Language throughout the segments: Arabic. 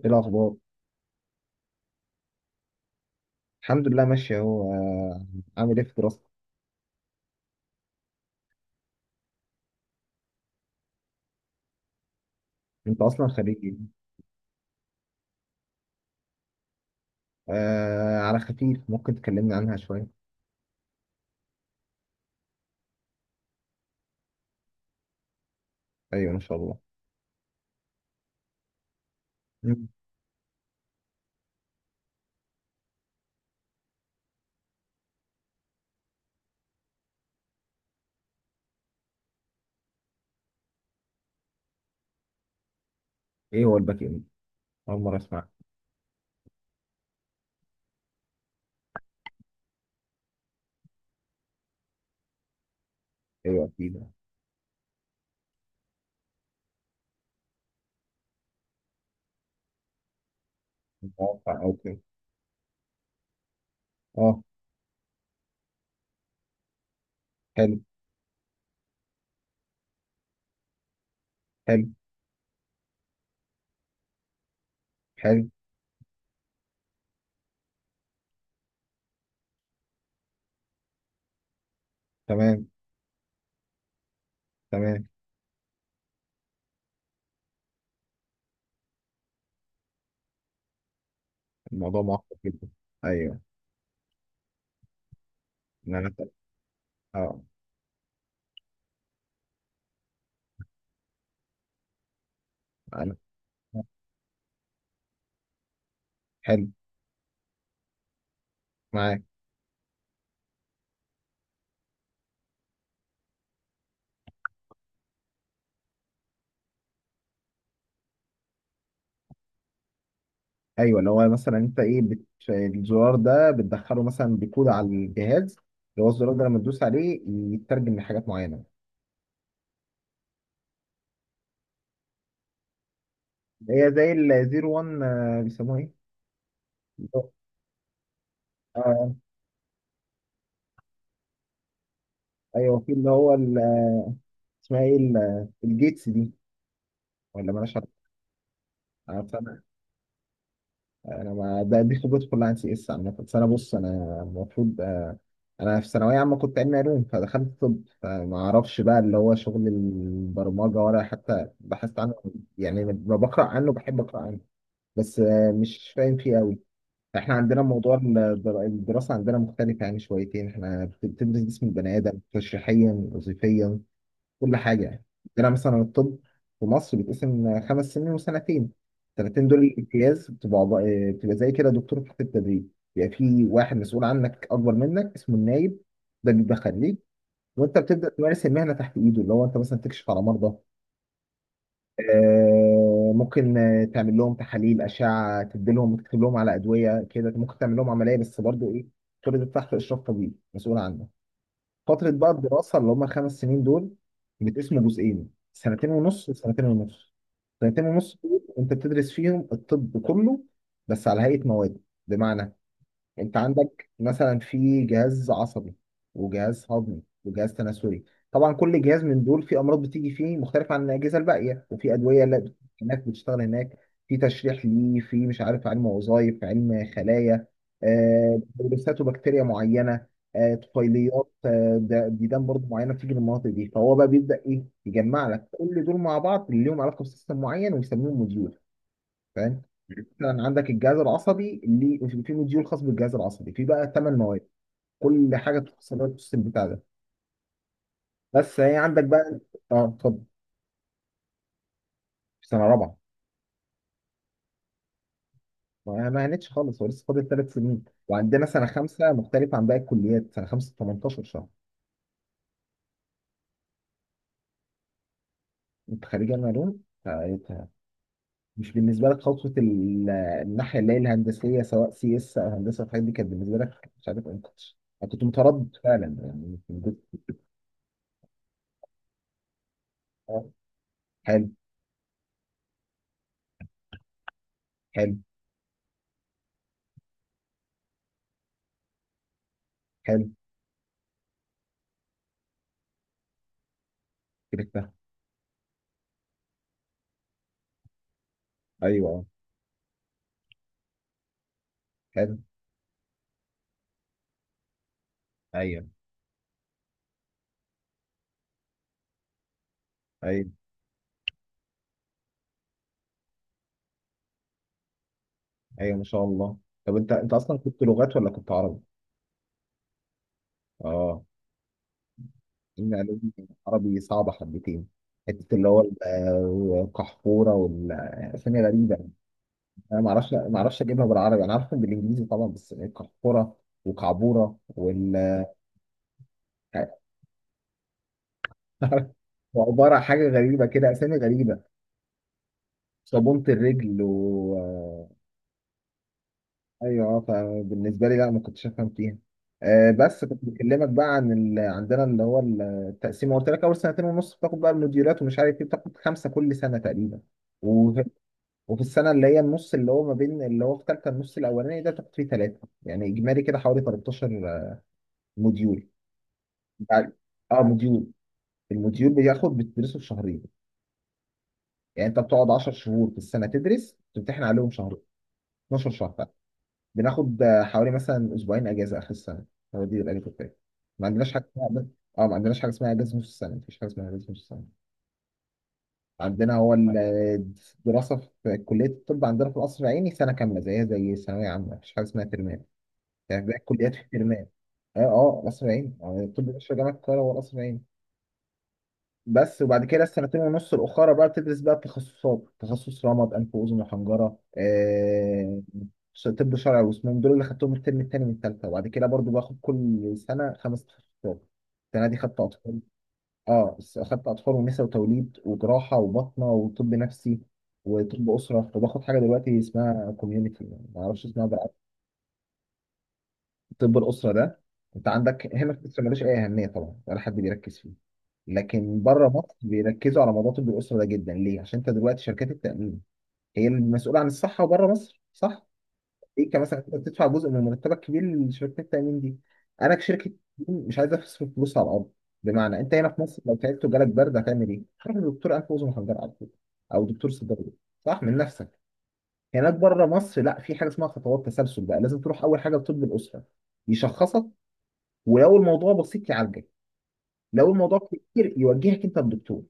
ايه الاخبار؟ الحمد لله ماشي اهو. عامل ايه في دراستك؟ انت اصلا خريج إيه؟ على خفيف، ممكن تكلمني عنها شويه. ايوه ان شاء الله. مم. ايه هو الباك اند؟ اول مره اسمع. ايوه اكيد. مواقع او كده؟ اه. حلو. حلو. حلو. تمام. تمام. الموضوع معقد جدا. ايوه ان انا، اه انا. حلو. معاك. ايوه اللي هو مثلا انت ايه الزرار ده بتدخله مثلا بكود على الجهاز، اللي هو الزرار ده لما تدوس عليه يترجم لحاجات معينه. هي زي الزيرو وان، بيسموها ايه؟ اللي هو- آه ايوه، في اسمها ايه الجيتس دي ولا مالهاش علاقة؟ أنا بس انا. ما ده دي خبرتي كلها عن سي اس عامة، بس انا المفروض. انا في ثانوية عامة كنت علمي علوم، فدخلت طب، فما اعرفش بقى اللي هو شغل البرمجة، ولا حتى بحثت عنه. يعني لما بقرأ عنه بحب اقرأ عنه، بس مش فاهم فيه قوي. احنا عندنا موضوع الدراسة عندنا مختلفة يعني شويتين، احنا بتدرس جسم البني آدم تشريحيا وظيفيا، كل حاجة يعني. عندنا مثلا الطب في مصر بيتقسم خمس سنين وسنتين. السنتين دول الامتياز بتبقى بتبقى زي كده دكتور تحت التدريب. بيبقى في واحد مسؤول عنك أكبر منك اسمه النايب، ده بيبقى خريج، وانت بتبدأ تمارس المهنة تحت ايده، اللي هو انت مثلا تكشف على مرضى. ممكن تعمل لهم تحاليل أشعة تديلهم، وتكتب لهم على أدوية كده، ممكن تعمل لهم عملية، بس برضو إيه، كل ده تحت إشراف طبيب مسؤول عنه. فترة بقى الدراسة اللي هم الخمس سنين دول بتقسموا جزئين، سنتين ونص وسنتين ونص. سنتين ونص دول أنت بتدرس فيهم الطب كله، بس على هيئة مواد. بمعنى، انت عندك مثلا في جهاز عصبي، وجهاز هضمي، وجهاز تناسلي. طبعا كل جهاز من دول في امراض بتيجي فيه مختلفه عن الاجهزه الباقيه، وفي ادويه لا بت- هناك بتشتغل هناك، في تشريح ليه، في مش عارف علم وظائف، علم خلايا، فيروسات وبكتيريا معينه، طفيليات، ديدان برضه معينه بتيجي من المناطق دي، فهو بقى بيبدا ايه، يجمع لك كل دول مع بعض اللي لهم علاقه بسيستم معين ويسميهم موديول. فاهم؟ مم. مثلا عندك الجهاز العصبي اللي في مديول خاص بالجهاز العصبي، في بقى ثمان مواد، كل حاجه تخص لك السيستم بتاع ده، بس هي عندك بقى. اه اتفضل. في سنه رابعه. ما هنتش خالص، هو لسه فاضل ثلاث سنين، وعندنا سنه خمسه مختلف عن باقي الكليات، سنه خمسه 18 شهر. انت خريج علم علوم، فأنت مش بالنسبه لك خطوه الناحيه اللي هي الهندسيه، سواء سي اس او هندسه، الحاجات دي كانت بالنسبه لك مش عارف انت. انا كنت متردد فعلا يعني آه، حلو. حلو. حلو كده. ايوه. حلو. ايوه، ايوه، ايوه، ما شاء الله. طب انت انت اصلا كنت لغات ولا كنت عربي؟ اه. ان علوم عربي صعبه حبتين. حته اللي هو القحفوره، والاسامي غريبه. انا ما اعرفش اجيبها بالعربي، انا عارفها بالانجليزي طبعا، بس القحفوره، وكعبوره، وال وعباره عن حاجه غريبه كده، اسامي غريبه، صابونه الرجل و... ايوه اه فبالنسبه لي لا، ما كنتش افهم فيها. بس كنت بكلمك بقى عن ال... عندنا اللي هو التقسيم، قلت لك اول سنتين ونص بتاخد بقى المديرات ومش عارف ايه، بتاخد خمسه كل سنه تقريبا. وفي... وفي السنه اللي هي النص، اللي هو ما بين اللي هو في ثالثه، النص الاولاني ده بتاخد فيه ثلاثه، يعني اجمالي كده حوالي 13 موديول. يعني- اه موديول، الموديول بياخد بتدرسه في شهرين. يعني انت بتقعد 10 شهور في السنه تدرس، تمتحن عليهم شهر، 12 شهر. بناخد حوالي مثلا اسبوعين اجازه اخر السنه، هو دي الاجازه بتاعتنا. ما عندناش حاجه اسمها ما عندناش حاجه اسمها اجازه نص السنه، مفيش حاجه اسمها اجازه نص السنه. عندنا هو الدراسه في كليه الطب عندنا في القصر العيني سنه كامله زيها زي ثانويه عامه، مفيش حاجه اسمها ترمام، يعني باقي الكليات في ترمام. اه اه القصر العيني يعني الطب بشري جامعه القاهره هو القصر العيني. بس، وبعد كده السنتين ونص الاخرى بقى بتدرس بقى التخصصات، تخصص رمد، انف واذن وحنجره، طب شرعي، واسنان، دول اللي خدتهم الترم التاني من التالتة. وبعد كده برضو باخد كل سنه خمس تخصصات. السنه دي خدت اطفال، خدت اطفال، ونساء وتوليد، وجراحه، وبطنه، وطب نفسي، وطب اسره، وباخد حاجه دلوقتي اسمها كوميونتي، ما اعرفش اسمها. طب الاسره ده انت عندك هنا في مصر ملوش اي اهميه طبعا، ولا حد بيركز فيه، لكن بره مصر بيركزوا على موضوع طب الاسره ده جدا. ليه؟ عشان انت دلوقتي شركات التامين هي المسؤوله عن الصحه بره مصر، صح؟ انت مثلا انت بتدفع جزء من مرتبك كبير لشركات التامين دي. انا كشركه تأمين مش عايز اصرف فلوس على الارض. بمعنى، انت هنا في مصر لو تعبت وجالك برد، هتعمل ايه؟ تروح لدكتور انف واذن وحنجره على طول، او دكتور صيدلي، صح، من نفسك. هناك بره مصر لا، في حاجه اسمها خطوات تسلسل بقى، لازم تروح اول حاجه لطب الاسره، يشخصك، ولو الموضوع بسيط يعالجك، لو الموضوع كتير يوجهك انت للدكتور.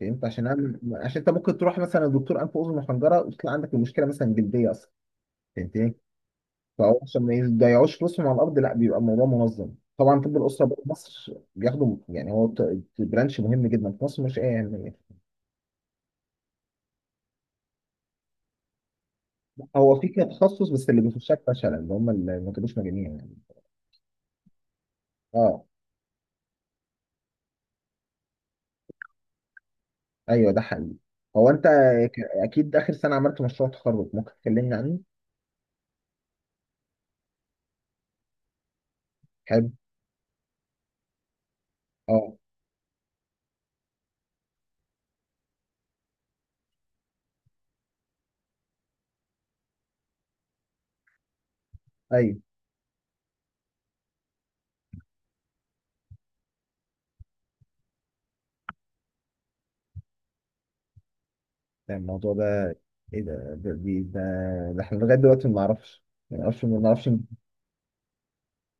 فهمت؟ عشان انت ممكن تروح مثلا لدكتور انف واذن وحنجره، وتطلع عندك المشكله مثلا جلديه اصلا. فهمتني؟ فهو عشان ما يضيعوش فلوسهم على الارض، لا بيبقى الموضوع منظم. طبعا طب الاسره بقى في مصر بياخدوا، يعني برانش مهم جدا في مصر، مش ايه يعني. هو في كده تخصص، بس اللي بيخشها فشله، اللي هم اللي ما كانوش مجانين يعني. اه ايوه ده حقيقي. هو انت اكيد اخر سنه عملت مشروع تخرج، ممكن تكلمني عنه؟ حلو. اه ايوه. يعني الموضوع ده ايه ده، ده احنا لغايه دلوقتي ما نعرفش، ما نعرفش.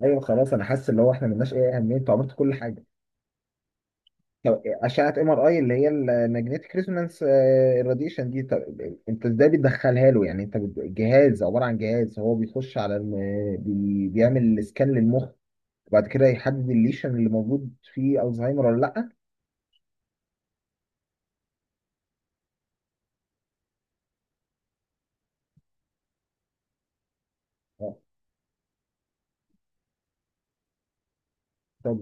ايوه خلاص، انا حاسس اللي هو احنا ملناش اي اهميه، انتوا عملتوا كل حاجه. طب اشعه ام ار اي، اللي هي الماجنتيك ريزونانس الراديشن دي، طب انت ازاي بتدخلها له؟ يعني انت جهاز، عباره عن جهاز، هو بيخش على بيعمل سكان للمخ، وبعد كده يحدد الليشن اللي موجود فيه الزهايمر ولا لا. آه. طب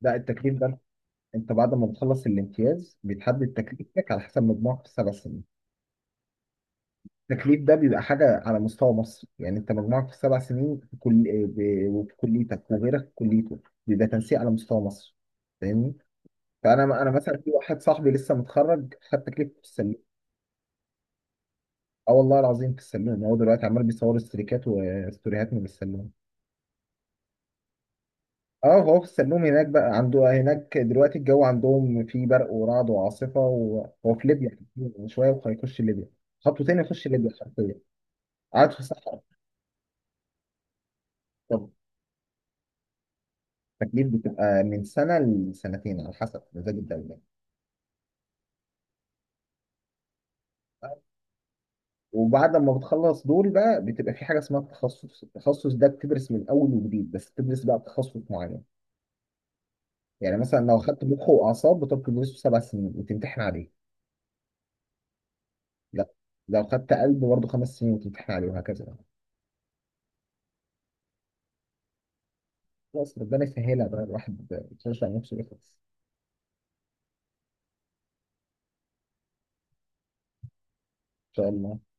ده التكليف ده، انت بعد ما بتخلص الامتياز بيتحدد تكليفك على حسب مجموعك في السبع سنين. التكليف ده بيبقى حاجة على مستوى مصر، يعني انت مجموعك في السبع سنين في كل وفي كليتك وغيرك في كليته، بيبقى تنسيق على مستوى مصر. فاهمني؟ فانا مثلا في واحد صاحبي لسه متخرج خد تكليف في السلوم. اه والله العظيم في السلوم، هو دلوقتي عمال بيصور استريكات وستوريهات من السلوم. اه هو في السلوم هناك بقى، عنده هناك دلوقتي الجو عندهم فيه برق ورعد وعاصفة، وهو في ليبيا شوية وهيخش ليبيا، خطوتين يخش ليبيا حرفيا، قاعد في الصحراء. التكليف بتبقى من سنة لسنتين على حسب مزاج الدولة. وبعد ما بتخلص دول بقى بتبقى في حاجة اسمها التخصص. التخصص ده بتدرس من أول وجديد، بس بتدرس بقى تخصص معين. يعني مثلا لو خدت مخ وأعصاب بتقعد تدرسه سبع سنين وتمتحن عليه. لا، لو خدت قلب برضه خمس سنين وتمتحن عليه، وهكذا. خلاص ربنا يسهلها بقى، الواحد يشجع نفسه يخلص إن شاء الله.